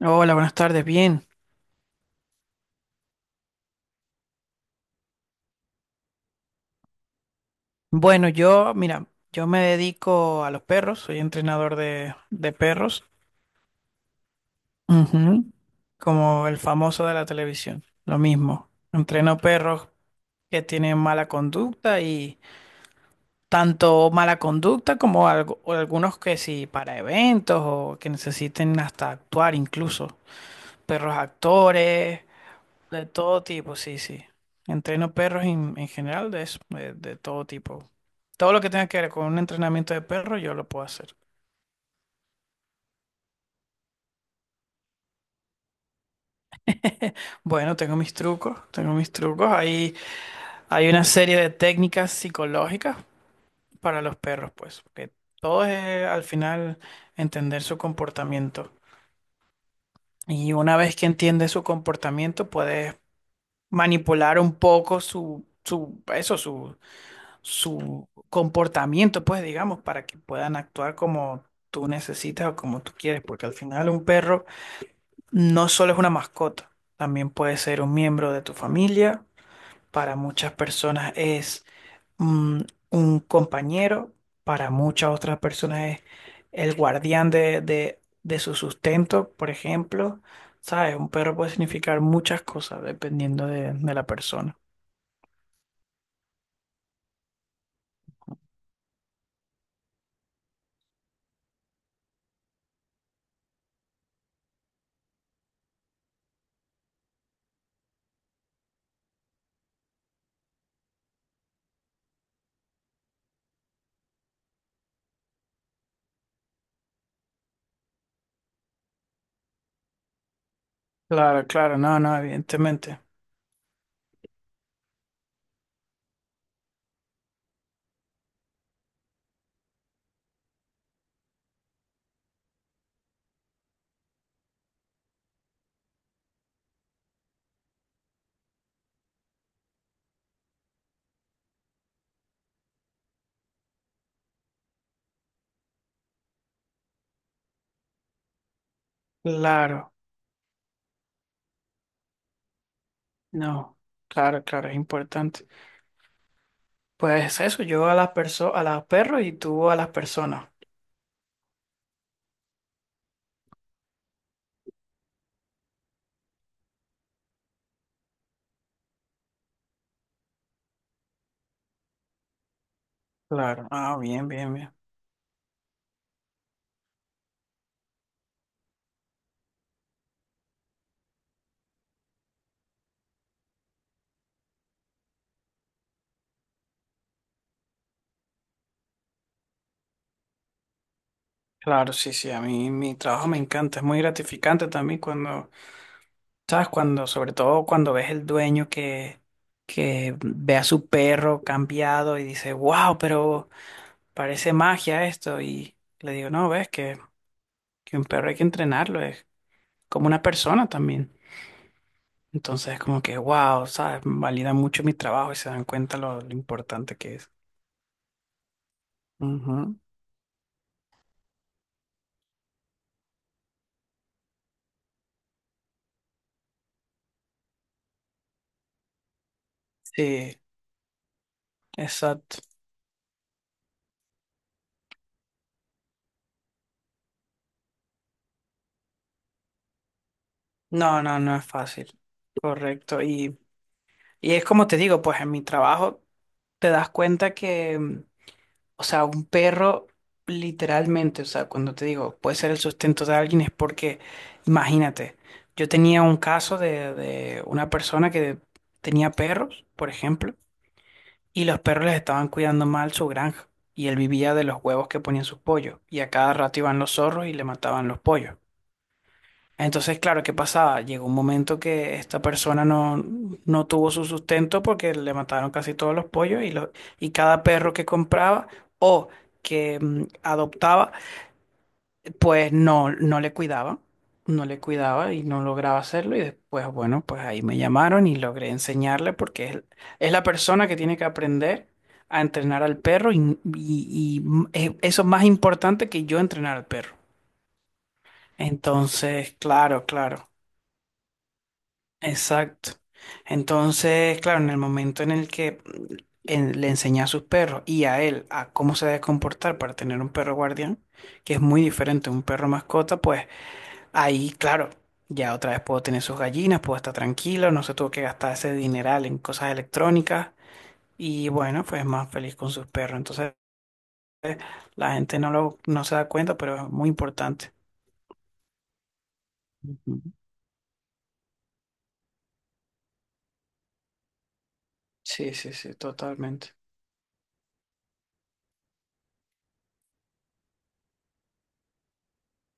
Hola, buenas tardes, bien. Bueno, yo, mira, yo me dedico a los perros, soy entrenador de perros. Ujú. Como el famoso de la televisión, lo mismo. Entreno perros que tienen mala conducta y tanto mala conducta como o algunos que sí, para eventos o que necesiten hasta actuar incluso. Perros actores. De todo tipo, sí, sí. Entreno perros en general de eso, de todo tipo. Todo lo que tenga que ver con un entrenamiento de perro, yo lo puedo hacer. Bueno, tengo mis trucos, tengo mis trucos. Hay una serie de técnicas psicológicas para los perros, pues, que todo es al final entender su comportamiento. Y una vez que entiendes su comportamiento, puedes manipular un poco eso, su comportamiento, pues digamos, para que puedan actuar como tú necesitas o como tú quieres, porque al final un perro no solo es una mascota, también puede ser un miembro de tu familia. Para muchas personas es mm, un compañero; para muchas otras personas es el guardián de su sustento, por ejemplo. ¿Sabes? Un perro puede significar muchas cosas dependiendo de la persona. Claro, claro, no, no, evidentemente. Claro. No, claro, claro, es importante. Pues eso, yo a las perso a los perros y tú a las personas. Claro, ah, bien, bien, bien. Claro, sí, sí, a mí mi trabajo me encanta, es muy gratificante también cuando, ¿sabes? Cuando, sobre todo cuando ves el dueño que ve a su perro cambiado y dice, wow, pero parece magia esto. Y le digo, no, ves que un perro hay que entrenarlo, es como una persona también. Entonces, como que, wow, ¿sabes? Valida mucho mi trabajo y se dan cuenta lo importante que es. Ujú. Sí, exacto. No, no, no es fácil. Correcto. Y es como te digo, pues en mi trabajo te das cuenta que, o sea, un perro literalmente, o sea, cuando te digo, puede ser el sustento de alguien, es porque, imagínate, yo tenía un caso de una persona que tenía perros, por ejemplo. Y los perros les estaban cuidando mal su granja, y él vivía de los huevos que ponían sus pollos, y a cada rato iban los zorros y le mataban los pollos. Entonces, claro, ¿qué pasaba? Llegó un momento que esta persona no, no tuvo su sustento porque le mataron casi todos los pollos y, y cada perro que compraba o que adoptaba pues no, no le cuidaba, no le cuidaba y no lograba hacerlo. Y después, bueno, pues ahí me llamaron y logré enseñarle, porque es la persona que tiene que aprender a entrenar al perro y, eso es más importante que yo entrenar al perro. Entonces, claro, claro, exacto. Entonces, claro, en el momento en el que le enseñé a sus perros y a él a cómo se debe comportar para tener un perro guardián, que es muy diferente a un perro mascota, pues ahí, claro, ya otra vez puedo tener sus gallinas, puedo estar tranquilo, no se tuvo que gastar ese dineral en cosas electrónicas y bueno, pues más feliz con sus perros. Entonces, la gente no no se da cuenta, pero es muy importante. Ujú. Sí, sí, sí, totalmente.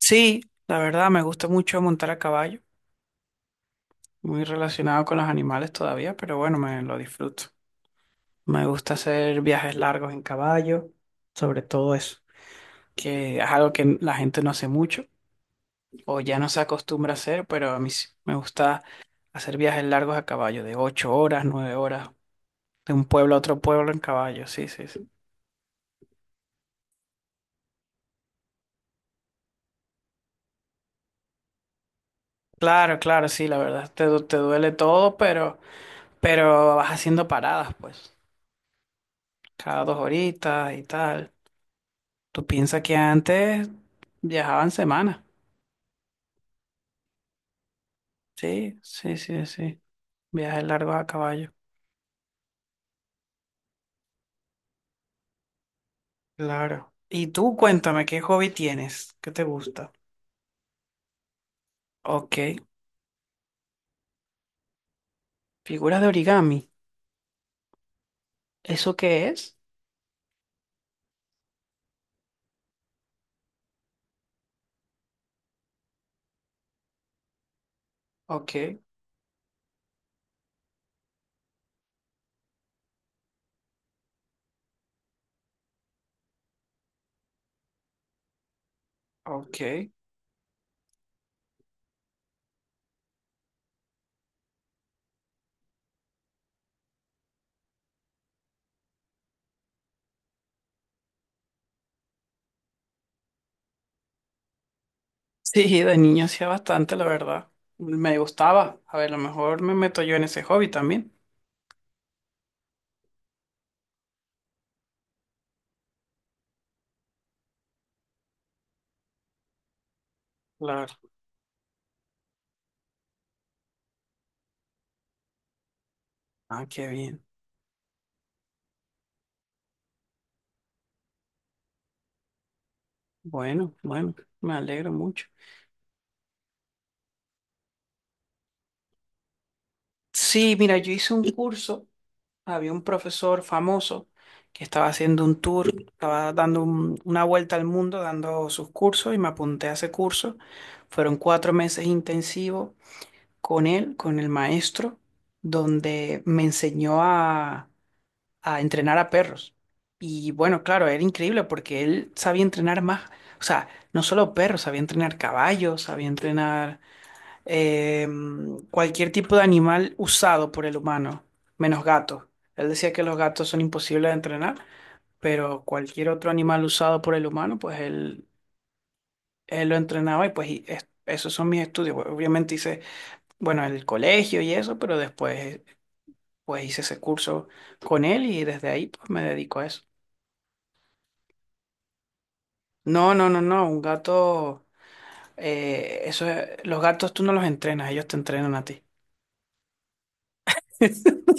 Sí, la verdad me gusta mucho montar a caballo, muy relacionado con los animales todavía, pero bueno, me lo disfruto. Me gusta hacer viajes largos en caballo, sobre todo eso, que es algo que la gente no hace mucho. O ya no se acostumbra a hacer, pero a mí sí me gusta hacer viajes largos a caballo, de 8 horas, 9 horas, de un pueblo a otro pueblo en caballo, sí, sí, sí. Claro, claro, sí, la verdad, te duele todo, pero vas haciendo paradas, pues, cada 2 horitas y tal. Tú piensas que antes viajaban semanas, sí, sí, sí, sí, viajes largos a caballo, claro. Y tú cuéntame, ¿qué hobby tienes? ¿Qué te gusta? Ok, figuras de origami. ¿Eso qué es? Ok, ok. Sí, de niño hacía bastante, la verdad. Me gustaba. A ver, a lo mejor me meto yo en ese hobby también. Claro. Ah, qué bien. Bueno, bueno, me alegro mucho. Sí, mira, yo hice un curso. Había un profesor famoso que estaba haciendo un tour, estaba dando una vuelta al mundo, dando sus cursos y me apunté a ese curso. Fueron 4 meses intensivos con él, con el maestro, donde me enseñó a entrenar a perros. Y bueno, claro, era increíble porque él sabía entrenar más, o sea, no solo perros, sabía entrenar caballos, sabía entrenar cualquier tipo de animal usado por el humano, menos gatos. Él decía que los gatos son imposibles de entrenar, pero cualquier otro animal usado por el humano, pues él lo entrenaba y pues y esos son mis estudios. Obviamente hice, bueno, el colegio y eso, pero después pues hice ese curso con él y desde ahí pues me dedico a eso. No, no, no, no. Un gato, eso es- los gatos tú no los entrenas, ellos te entrenan a ti.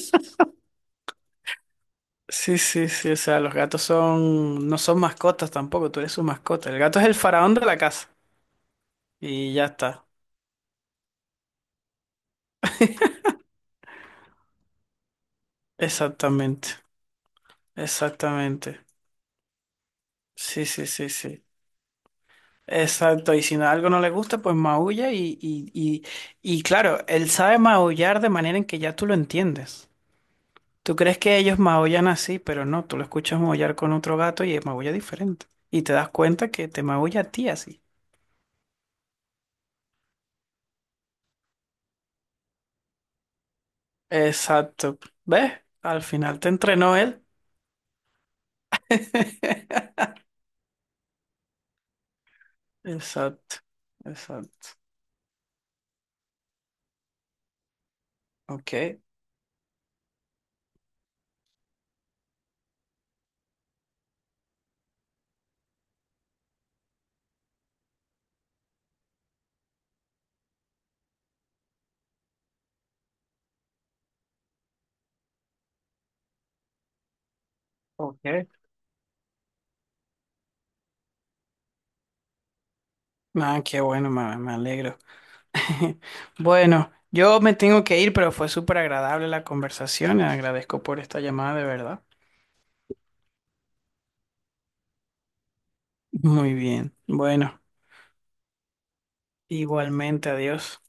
Sí, sí, sí. O sea, los gatos son, no son mascotas tampoco, tú eres su mascota. El gato es el faraón de la casa. Y ya está. Exactamente. Exactamente. Sí, sí, sí, sí. Exacto. Y si no- algo no le gusta, pues maulla y claro, él sabe maullar de manera en que ya tú lo entiendes. Tú crees que ellos maullan así, pero no, tú lo escuchas maullar con otro gato y maulla diferente. Y te das cuenta que te maulla a ti así. Exacto. ¿Ves? Al final te entrenó él. Exacto. Exacto. Ok. Ok. Ah, qué bueno, me alegro. Bueno, yo me tengo que ir, pero fue súper agradable la conversación. Agradezco por esta llamada, de verdad. Muy bien. Bueno, igualmente, adiós.